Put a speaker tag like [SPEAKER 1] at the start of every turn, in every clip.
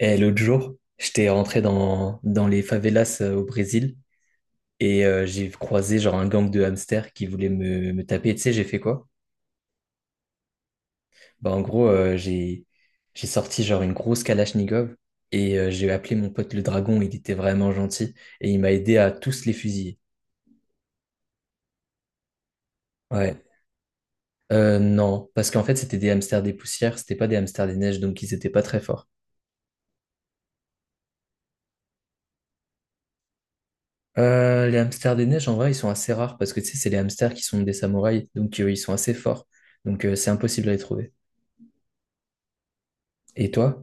[SPEAKER 1] Et l'autre jour, j'étais rentré dans les favelas au Brésil et j'ai croisé genre un gang de hamsters qui voulait me taper. Et tu sais, j'ai fait quoi? Bah, en gros, j'ai sorti genre une grosse Kalachnikov et j'ai appelé mon pote le dragon. Il était vraiment gentil et il m'a aidé à tous les fusiller. Ouais. Non, parce qu'en fait, c'était des hamsters des poussières, c'était pas des hamsters des neiges, donc ils étaient pas très forts. Les hamsters des neiges, en vrai, ils sont assez rares parce que tu sais, c'est les hamsters qui sont des samouraïs, donc ils sont assez forts. Donc c'est impossible à les trouver. Et toi?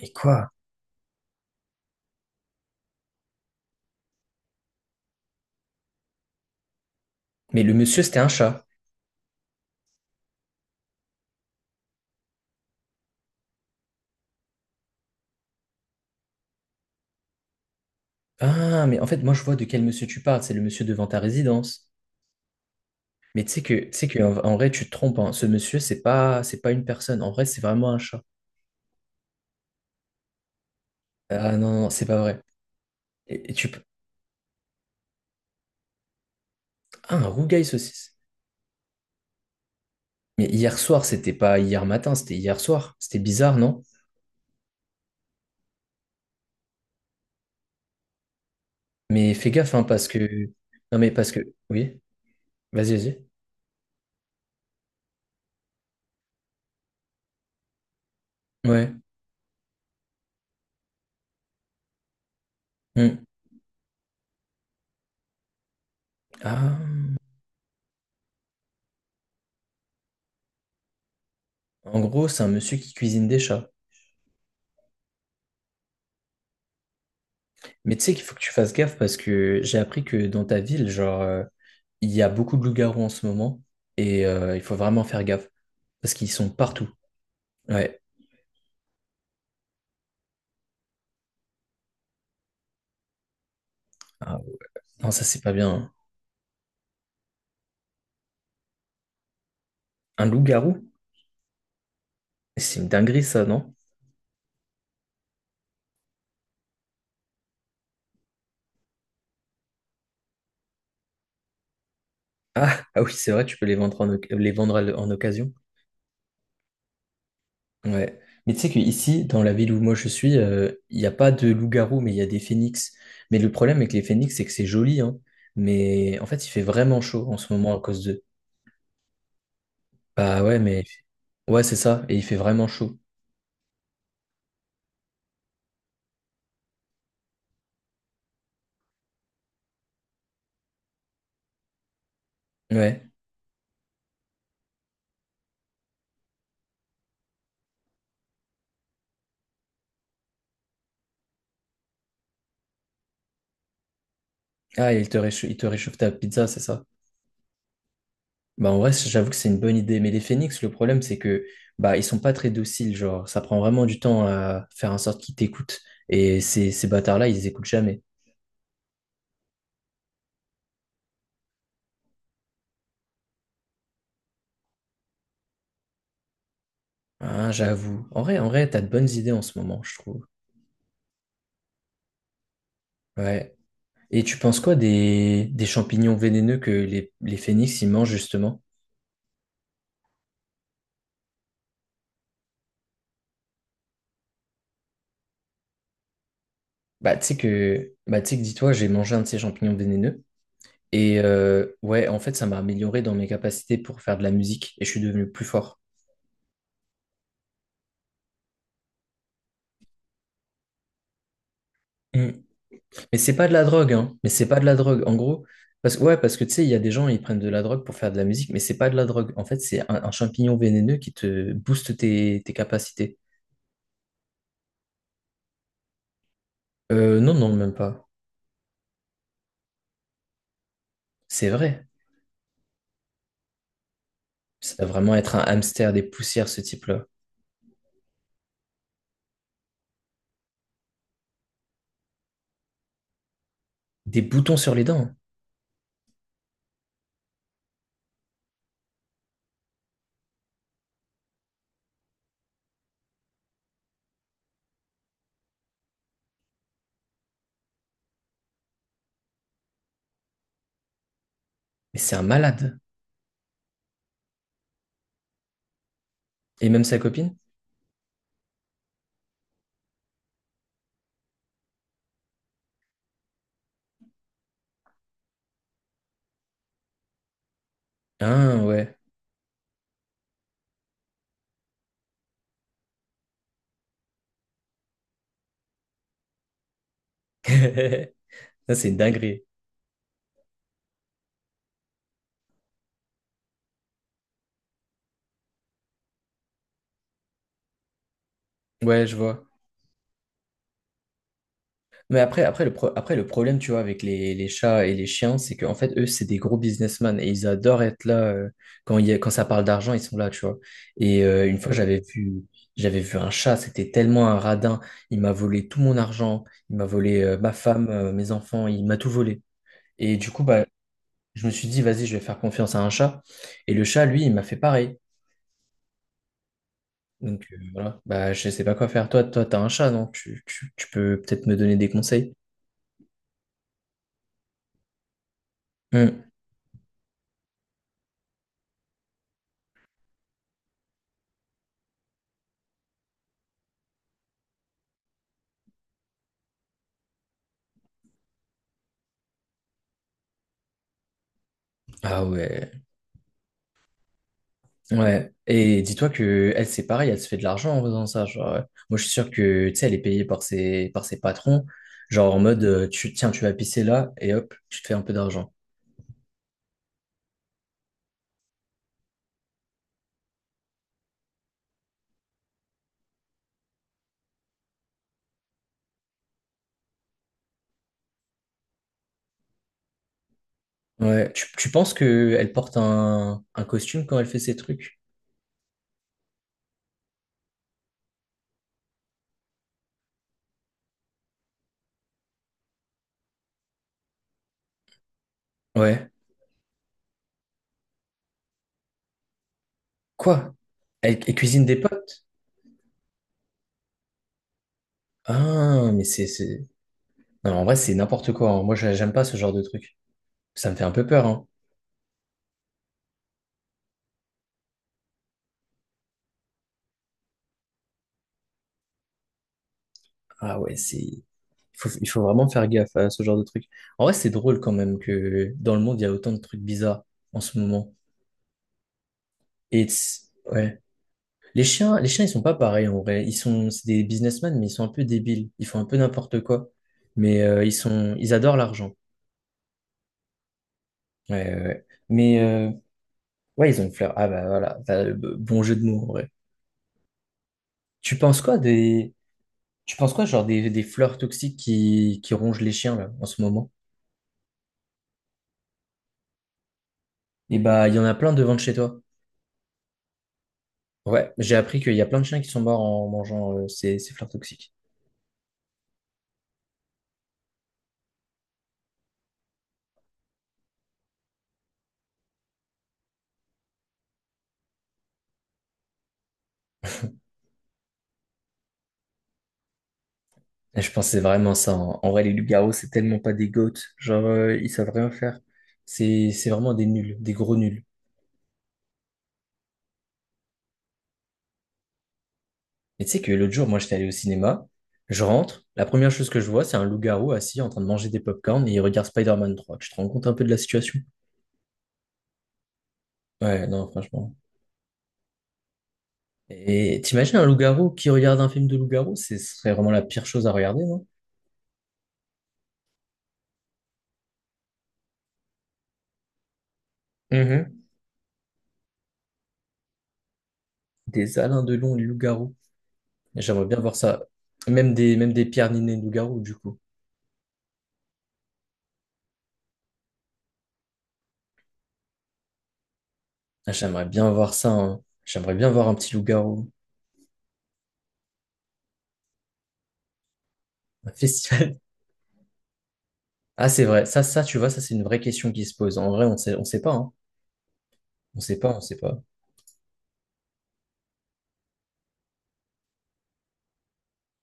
[SPEAKER 1] Et quoi? Mais le monsieur, c'était un chat. Ah, mais en fait, moi, je vois de quel monsieur tu parles. C'est le monsieur devant ta résidence. Mais tu sais que, en, en vrai, tu te trompes, hein. Ce monsieur, c'est pas une personne. En vrai, c'est vraiment un chat. Ah non, non, c'est pas vrai. Et tu peux... Ah, un rougail saucisse. Mais hier soir, c'était pas hier matin, c'était hier soir. C'était bizarre, non? Mais fais gaffe, hein, parce que... Non, mais parce que... Oui. Vas-y, vas-y. Ouais. Hmm. Ah. En gros, c'est un monsieur qui cuisine des chats. Mais tu sais qu'il faut que tu fasses gaffe parce que j'ai appris que dans ta ville, genre, il y a beaucoup de loups-garous en ce moment et il faut vraiment faire gaffe parce qu'ils sont partout. Ouais. Ah, ouais. Non, ça c'est pas bien, hein. Un loup-garou? C'est une dinguerie ça, non? Ah, ah oui, c'est vrai, tu peux les vendre en, oc- les vendre à l- en occasion. Ouais. Mais tu sais qu'ici, dans la ville où moi je suis, il n'y a pas de loup-garou, mais il y a des phénix. Mais le problème avec les phénix, c'est que c'est joli, hein. Mais en fait, il fait vraiment chaud en ce moment à cause d'eux. Bah ouais, mais ouais, c'est ça. Et il fait vraiment chaud. Ouais. Ah, il te réchauffe ta pizza, c'est ça. Bah en vrai, j'avoue que c'est une bonne idée. Mais les phoenix, le problème, c'est que bah ils sont pas très dociles. Genre, ça prend vraiment du temps à faire en sorte qu'ils t'écoutent. Et ces bâtards-là, ils écoutent jamais. Ah, j'avoue. En vrai, t'as de bonnes idées en ce moment, je trouve. Ouais. Et tu penses quoi des champignons vénéneux que les phénix, ils mangent justement? Bah, tu sais que dis-toi, j'ai mangé un de ces champignons vénéneux. Et ouais, en fait, ça m'a amélioré dans mes capacités pour faire de la musique et je suis devenu plus fort. Mm. Mais c'est pas de la drogue, hein. Mais c'est pas de la drogue. En gros, parce que ouais, parce que tu sais, il y a des gens, ils prennent de la drogue pour faire de la musique, mais c'est pas de la drogue. En fait, un champignon vénéneux qui te booste tes capacités. Non, même pas. C'est vrai. Ça va vraiment être un hamster des poussières, ce type-là. Des boutons sur les dents. Mais c'est un malade. Et même sa copine? Ah ouais. Ça, c'est une dinguerie. Ouais, je vois. Après, le pro- après, le problème, tu vois, avec les chats et les chiens, c'est qu'en fait, eux, c'est des gros businessmen et ils adorent être là. Quand il y a... quand ça parle d'argent, ils sont là, tu vois. Et une fois, ouais, j'avais vu un chat, c'était tellement un radin. Il m'a volé tout mon argent, il m'a volé ma femme, mes enfants, il m'a tout volé. Et du coup, bah, je me suis dit, vas-y, je vais faire confiance à un chat. Et le chat, lui, il m'a fait pareil. Donc voilà, bah, je sais pas quoi faire. Toi, t'as un chat, non? Tu peux peut-être me donner des conseils? Hmm. Ah ouais, ouais. Et dis-toi que elle, c'est pareil, elle se fait de l'argent en faisant ça. Genre, moi, je suis sûr que, tu sais, elle est payée par par ses patrons. Genre en mode, tiens, tu vas pisser là et hop, tu te fais un peu d'argent. Ouais. Tu penses que elle porte un costume quand elle fait ses trucs? Ouais. Quoi? Elle, elle cuisine des potes? Ah, c'est... Non, en vrai, c'est n'importe quoi, hein. Moi, j'a- j'aime pas ce genre de truc. Ça me fait un peu peur, hein. Ah ouais, c'est... Il faut vraiment faire gaffe à ce genre de trucs. En vrai, c'est drôle quand même que dans le monde, il y a autant de trucs bizarres en ce moment. Et t's- ouais. Les chiens, ils sont pas pareils en vrai. Ils sont... c'est des businessmen, mais ils sont un peu débiles. Ils font un peu n'importe quoi. Mais ils sont, ils adorent l'argent. Ouais. Mais ouais, ils ont une fleur. Ah bah voilà, bah, b- bon jeu de mots en vrai. Tu penses quoi des, Tu penses quoi genre des fleurs toxiques qui rongent les chiens là en ce moment? Et bah, il y en a plein devant de chez toi. Ouais, j'ai appris qu'il y a plein de chiens qui sont morts en mangeant ces fleurs toxiques. Et je pense que c'est vraiment ça, hein. En vrai, les loups-garous, c'est tellement pas des goats. Genre, ils savent rien faire. C'est vraiment des nuls, des gros nuls. Et tu sais que l'autre jour, moi, j'étais allé au cinéma. Je rentre. La première chose que je vois, c'est un loup-garou assis en train de manger des pop-corns et il regarde Spider-Man 3. Tu te rends compte un peu de la situation? Ouais, non, franchement. Et t'imagines un loup-garou qui regarde un film de loup-garou? Ce serait vraiment la pire chose à regarder, non? Mhm. Des Alain Delon, les loups-garous. J'aimerais bien voir ça. Même même des pierres ninées de loup-garou, du coup. Ah, j'aimerais bien voir ça, hein. J'aimerais bien voir un petit loup-garou. Un festival. Ah, c'est vrai. Ça, c'est une vraie question qui se pose. En vrai, on sait pas, hein. On sait pas.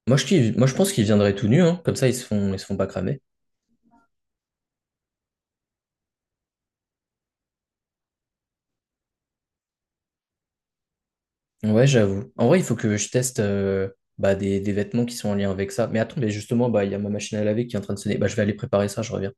[SPEAKER 1] Moi, je pense qu'ils viendraient tout nus, hein. Comme ça, ils se font pas cramer. Ouais, j'avoue. En vrai, il faut que je teste, bah, des vêtements qui sont en lien avec ça. Mais attends, mais justement, bah, il y a ma machine à laver qui est en train de sonner. Bah, je vais aller préparer ça, je reviens.